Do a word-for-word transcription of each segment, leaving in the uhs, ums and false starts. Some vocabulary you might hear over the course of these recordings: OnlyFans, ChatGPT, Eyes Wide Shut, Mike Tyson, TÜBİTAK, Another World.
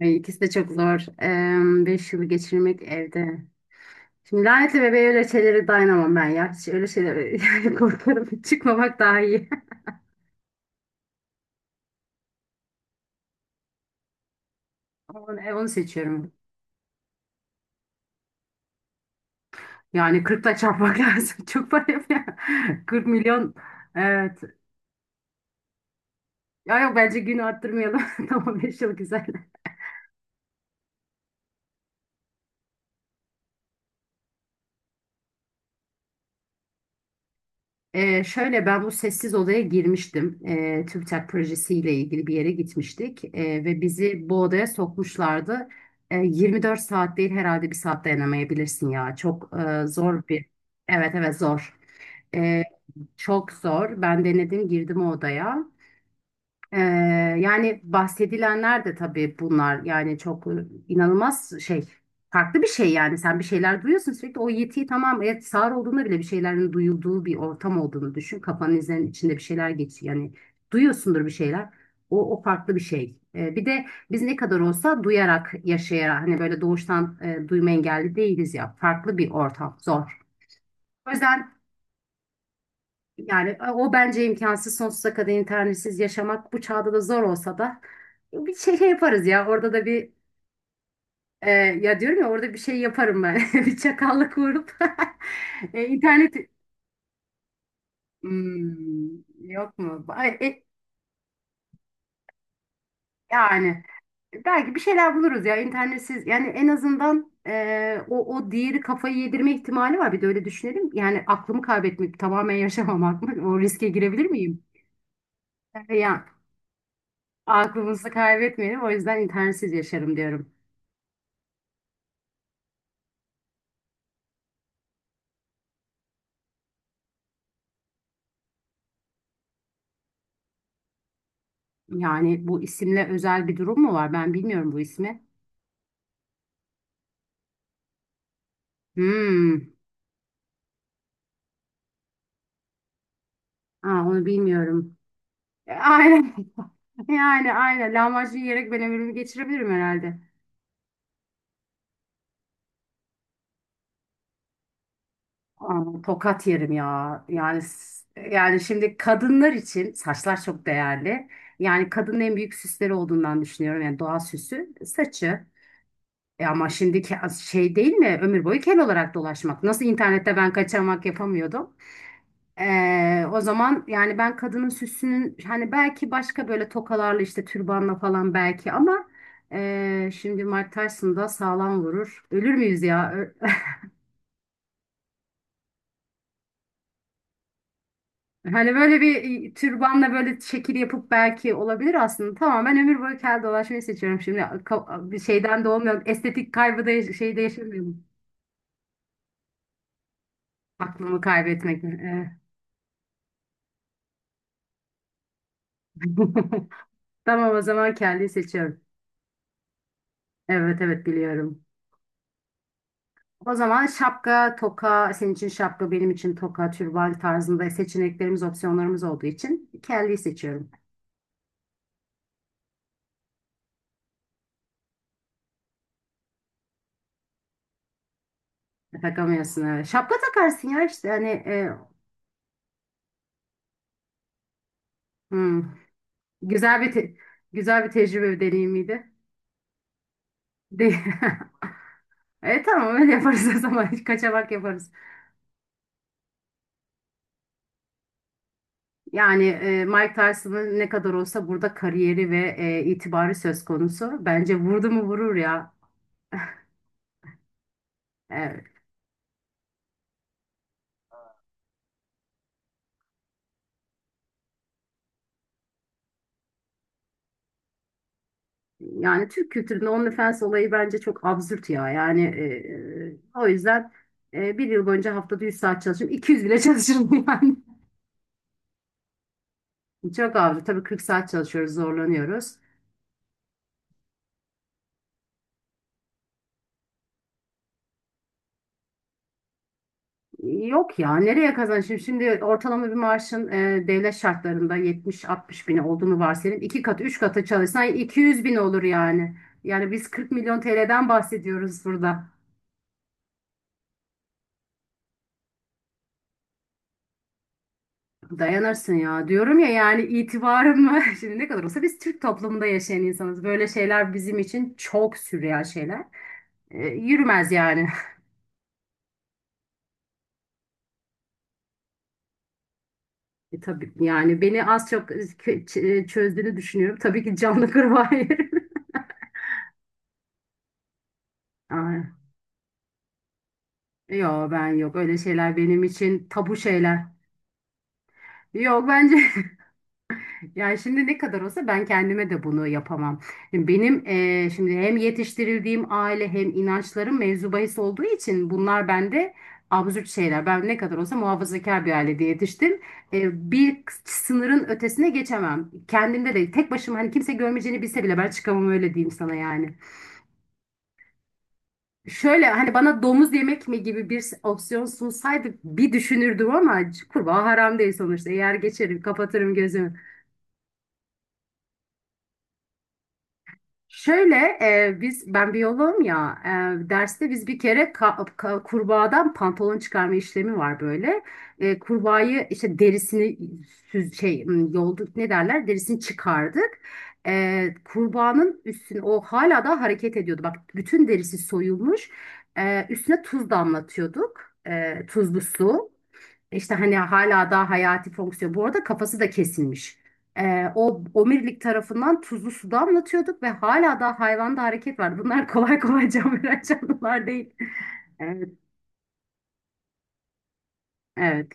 Ay, İkisi de çok zor. Em, beş yılı geçirmek evde. Şimdi lanetli bebeğe öyle şeylere dayanamam ben ya. Hiç öyle şeylere yani korkarım. Çıkmamak daha iyi. Ama Onu, e, onu seçiyorum. Yani kırkla çarpmak lazım. Çok para yapıyor. kırk milyon. Evet. Ya yok, bence gün arttırmayalım. Tamam, beş yıl güzel. Ee, şöyle, ben bu sessiz odaya girmiştim. Ee, TÜBİTAK projesiyle ilgili bir yere gitmiştik Ee, ve bizi bu odaya sokmuşlardı. Ee, yirmi dört saat değil, herhalde bir saat dayanamayabilirsin ya. Çok e, zor bir. Evet evet, zor. Ee, Çok zor. Ben denedim, girdim o odaya. Ee, Yani bahsedilenler de tabii bunlar. Yani çok e, inanılmaz şey, farklı bir şey. Yani sen bir şeyler duyuyorsun sürekli o yetiyi, tamam, evet, sağır olduğunda bile bir şeylerin duyulduğu bir ortam olduğunu düşün, kafanın izlerinin içinde bir şeyler geçiyor yani. Duyuyorsundur bir şeyler. O, o farklı bir şey. Ee, bir de biz ne kadar olsa duyarak yaşayarak, hani böyle doğuştan e, duyma engelli değiliz ya, farklı bir ortam zor. O yüzden yani e, o bence imkansız. Sonsuza kadar internetsiz yaşamak bu çağda da zor olsa da, e, bir şey, şey yaparız ya orada da bir. E, ya diyorum ya, orada bir şey yaparım ben. Bir çakallık vurup e, internet. Hmm, yok mu? Ay, e, yani belki bir şeyler buluruz ya internetsiz. Yani en azından e, o, o diğeri kafayı yedirme ihtimali var, bir de öyle düşünelim yani. Aklımı kaybetmek, tamamen yaşamamak mı? O riske girebilir miyim? Yani aklımızı kaybetmeyelim. O yüzden internetsiz yaşarım diyorum. Yani bu isimle özel bir durum mu var? Ben bilmiyorum bu ismi. Hmm. Aa, onu bilmiyorum. E, Aynen. Yani aynen. Lahmacun yiyerek ben ömrümü geçirebilirim herhalde. Aa, tokat yerim ya. Yani s- yani şimdi kadınlar için saçlar çok değerli. Yani kadının en büyük süsleri olduğundan düşünüyorum. Yani doğal süsü saçı. E ama şimdiki az- şey değil mi? Ömür boyu kel olarak dolaşmak. Nasıl internette ben kaçamak yapamıyordum. Ee, o zaman yani ben kadının süsünün hani belki başka böyle tokalarla, işte türbanla falan belki ama ee, şimdi Mike Tyson da sağlam vurur. Ölür müyüz ya? Ö- Hani böyle bir e, türbanla böyle şekil yapıp belki olabilir aslında. Tamam, ben ömür boyu kel dolaşmayı seçiyorum. Şimdi ka- bir şeyden de olmuyor. Estetik kaybı da yaş- şeyde yaşamıyorum. Aklımı kaybetmek. Evet. Tamam, o zaman kelliyi seçiyorum. Evet evet, biliyorum. O zaman şapka, toka, senin için şapka, benim için toka, türban tarzında seçeneklerimiz, opsiyonlarımız olduğu için kelliyi seçiyorum. Takamıyorsun, evet. Şapka takarsın ya işte, hani e, hmm, güzel bir te- güzel bir tecrübe, bir deneyimiydi. De e tamam, öyle yaparız o zaman. Kaçamak yaparız. Yani e, Mike Tyson'ın ne kadar olsa burada kariyeri ve e, itibarı söz konusu. Bence vurdu mu vurur ya. E, Yani Türk kültüründe OnlyFans olayı bence çok absürt ya. Yani e, o yüzden e, bir yıl boyunca haftada yüz saat çalışırım. iki yüz bile çalışırım yani. Çok absürt. Tabii kırk saat çalışıyoruz, zorlanıyoruz. Yok ya, nereye kazançım? Şimdi ortalama bir maaşın e, devlet şartlarında yetmiş altmış bin olduğunu varsayalım. İki katı üç katı çalışsan iki yüz bin olur yani. Yani biz kırk milyon T L'den bahsediyoruz burada. Dayanırsın ya diyorum ya, yani itibarımı şimdi ne kadar olsa biz Türk toplumunda yaşayan insanız. Böyle şeyler bizim için çok sürreal şeyler. Ee, yürümez yani. E, tabii yani beni az çok kö- ç- e, çözdüğünü düşünüyorum. Tabii ki canlı kurbağa yerim. Ay, yok, ben yok öyle şeyler, benim için tabu şeyler. Yok bence. Yani şimdi ne kadar olsa ben kendime de bunu yapamam. Şimdi benim eee, şimdi hem yetiştirildiğim aile hem inançlarım mevzu bahis olduğu için bunlar bende absürt şeyler. Ben ne kadar olsa muhafazakar bir ailede yetiştim. Eee, bir sınırın ötesine geçemem. Kendimde de tek başıma, hani kimse görmeyeceğini bilse bile ben çıkamam, öyle diyeyim sana yani. Şöyle, hani bana domuz yemek mi gibi bir opsiyon sunsaydı bir düşünürdüm ama kurbağa haram değil sonuçta. Yer geçerim, kapatırım gözümü. Şöyle e, biz ben biyoloğum ya, e, derste biz bir kere ka- ka- kurbağadan pantolon çıkarma işlemi var böyle. E, kurbağayı işte derisini süz şey m, yolduk, ne derler, derisini çıkardık. E, kurbağanın üstüne, o hala da hareket ediyordu. Bak, bütün derisi soyulmuş. E, üstüne tuz damlatıyorduk. E, tuzlu su. İşte hani hala daha hayati fonksiyon. Bu arada kafası da kesilmiş. Ee, o omirlik tarafından tuzlu suda anlatıyorduk ve hala daha hayvanda hareket var. Bunlar kolay kolay can veren canlılar değil. Evet, evet.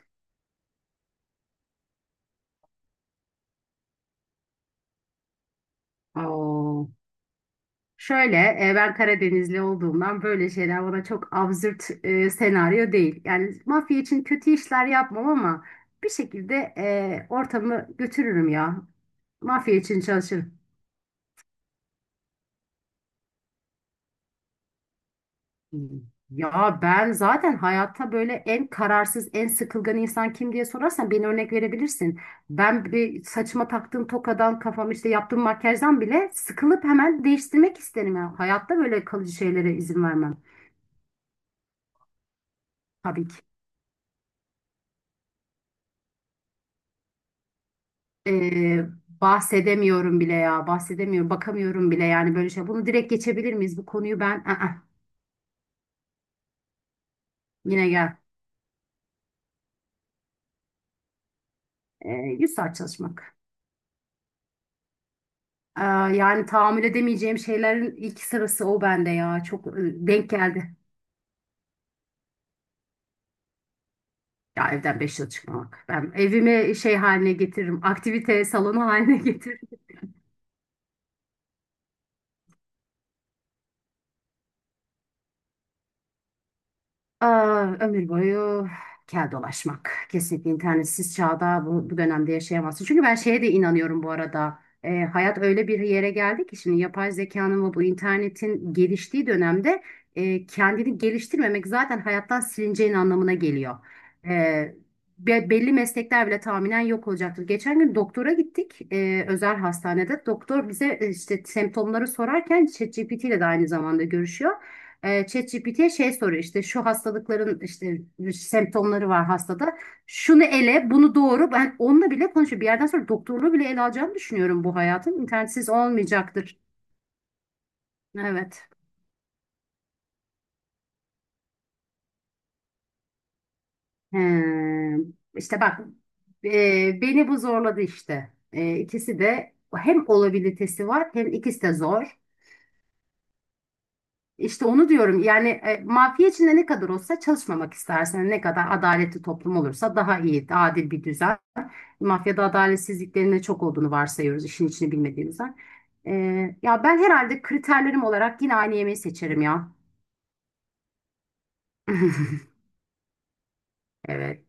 Oo. Şöyle e, ben Karadenizli olduğumdan böyle şeyler bana çok absürt e, senaryo değil. Yani mafya için kötü işler yapmam ama bir şekilde e, ortamı götürürüm ya. Mafya için çalışırım. Ya ben zaten hayatta böyle en kararsız, en sıkılgan insan kim diye sorarsan beni örnek verebilirsin. Ben bir saçıma taktığım tokadan, kafam işte yaptığım makyajdan bile sıkılıp hemen değiştirmek isterim. Yani hayatta böyle kalıcı şeylere izin vermem, tabii ki. Ee, Bahsedemiyorum bile ya, bahsedemiyorum, bakamıyorum bile, yani böyle şey. Bunu direkt geçebilir miyiz? Bu konuyu ben, Aa, yine gel. Ee, yüz saat çalışmak. Ee, Yani tahammül edemeyeceğim şeylerin ilk sırası o bende ya. Çok e, denk geldi. Ya evden beş yıl çıkmamak. Ben evimi şey haline getiririm. Aktivite salonu haline getiririm. Aa, ömür boyu kel dolaşmak. Kesinlikle internetsiz çağda bu, bu dönemde yaşayamazsın. Çünkü ben şeye de inanıyorum bu arada. Ee, hayat öyle bir yere geldi ki şimdi yapay zekanın ve bu internetin geliştiği dönemde, e, kendini geliştirmemek zaten hayattan silineceğin anlamına geliyor. Ee, be- belli meslekler bile tahminen yok olacaktır. Geçen gün doktora gittik, e, özel hastanede. Doktor bize e, işte semptomları sorarken ChatGPT ile de aynı zamanda görüşüyor. E, ChatGPT'ye şey soruyor, işte şu hastalıkların işte semptomları var hastada. Şunu ele, bunu doğru. Ben onunla bile konuşuyorum. Bir yerden sonra doktorluğu bile ele alacağını düşünüyorum bu hayatın. İnternetsiz olmayacaktır. Evet. Ee, işte bak, e, beni bu zorladı işte. E, ikisi de hem olabilitesi var hem ikisi de zor. İşte onu diyorum yani e, mafya içinde ne kadar olsa çalışmamak istersen, ne kadar adaletli toplum olursa daha iyi, adil bir düzen. Mafyada adaletsizliklerin de çok olduğunu varsayıyoruz, işin içini bilmediğimizden. Ee, ya ben herhalde kriterlerim olarak yine aynı yemeği seçerim ya. Evet.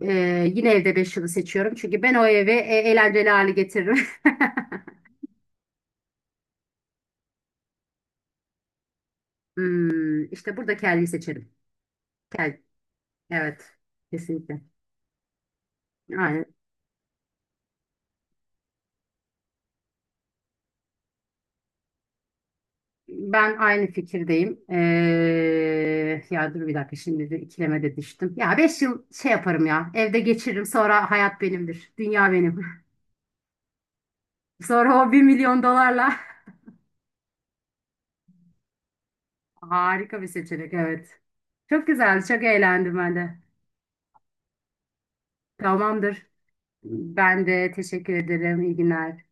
Ee, yine evde beş yılı seçiyorum. Çünkü ben o eve e, eğlenceli hale getiririm. Hmm, işte burada kelleyi seçerim. Kel, evet. Kesinlikle. Yani ben aynı fikirdeyim. Ee, ya dur bir dakika, şimdi de ikileme de düştüm. Ya beş yıl şey yaparım ya. Evde geçiririm, sonra hayat benimdir. Dünya benim. Sonra o bir milyon dolarla harika bir seçenek, evet. Çok güzel, çok eğlendim ben de. Tamamdır. Ben de teşekkür ederim. İyi günler.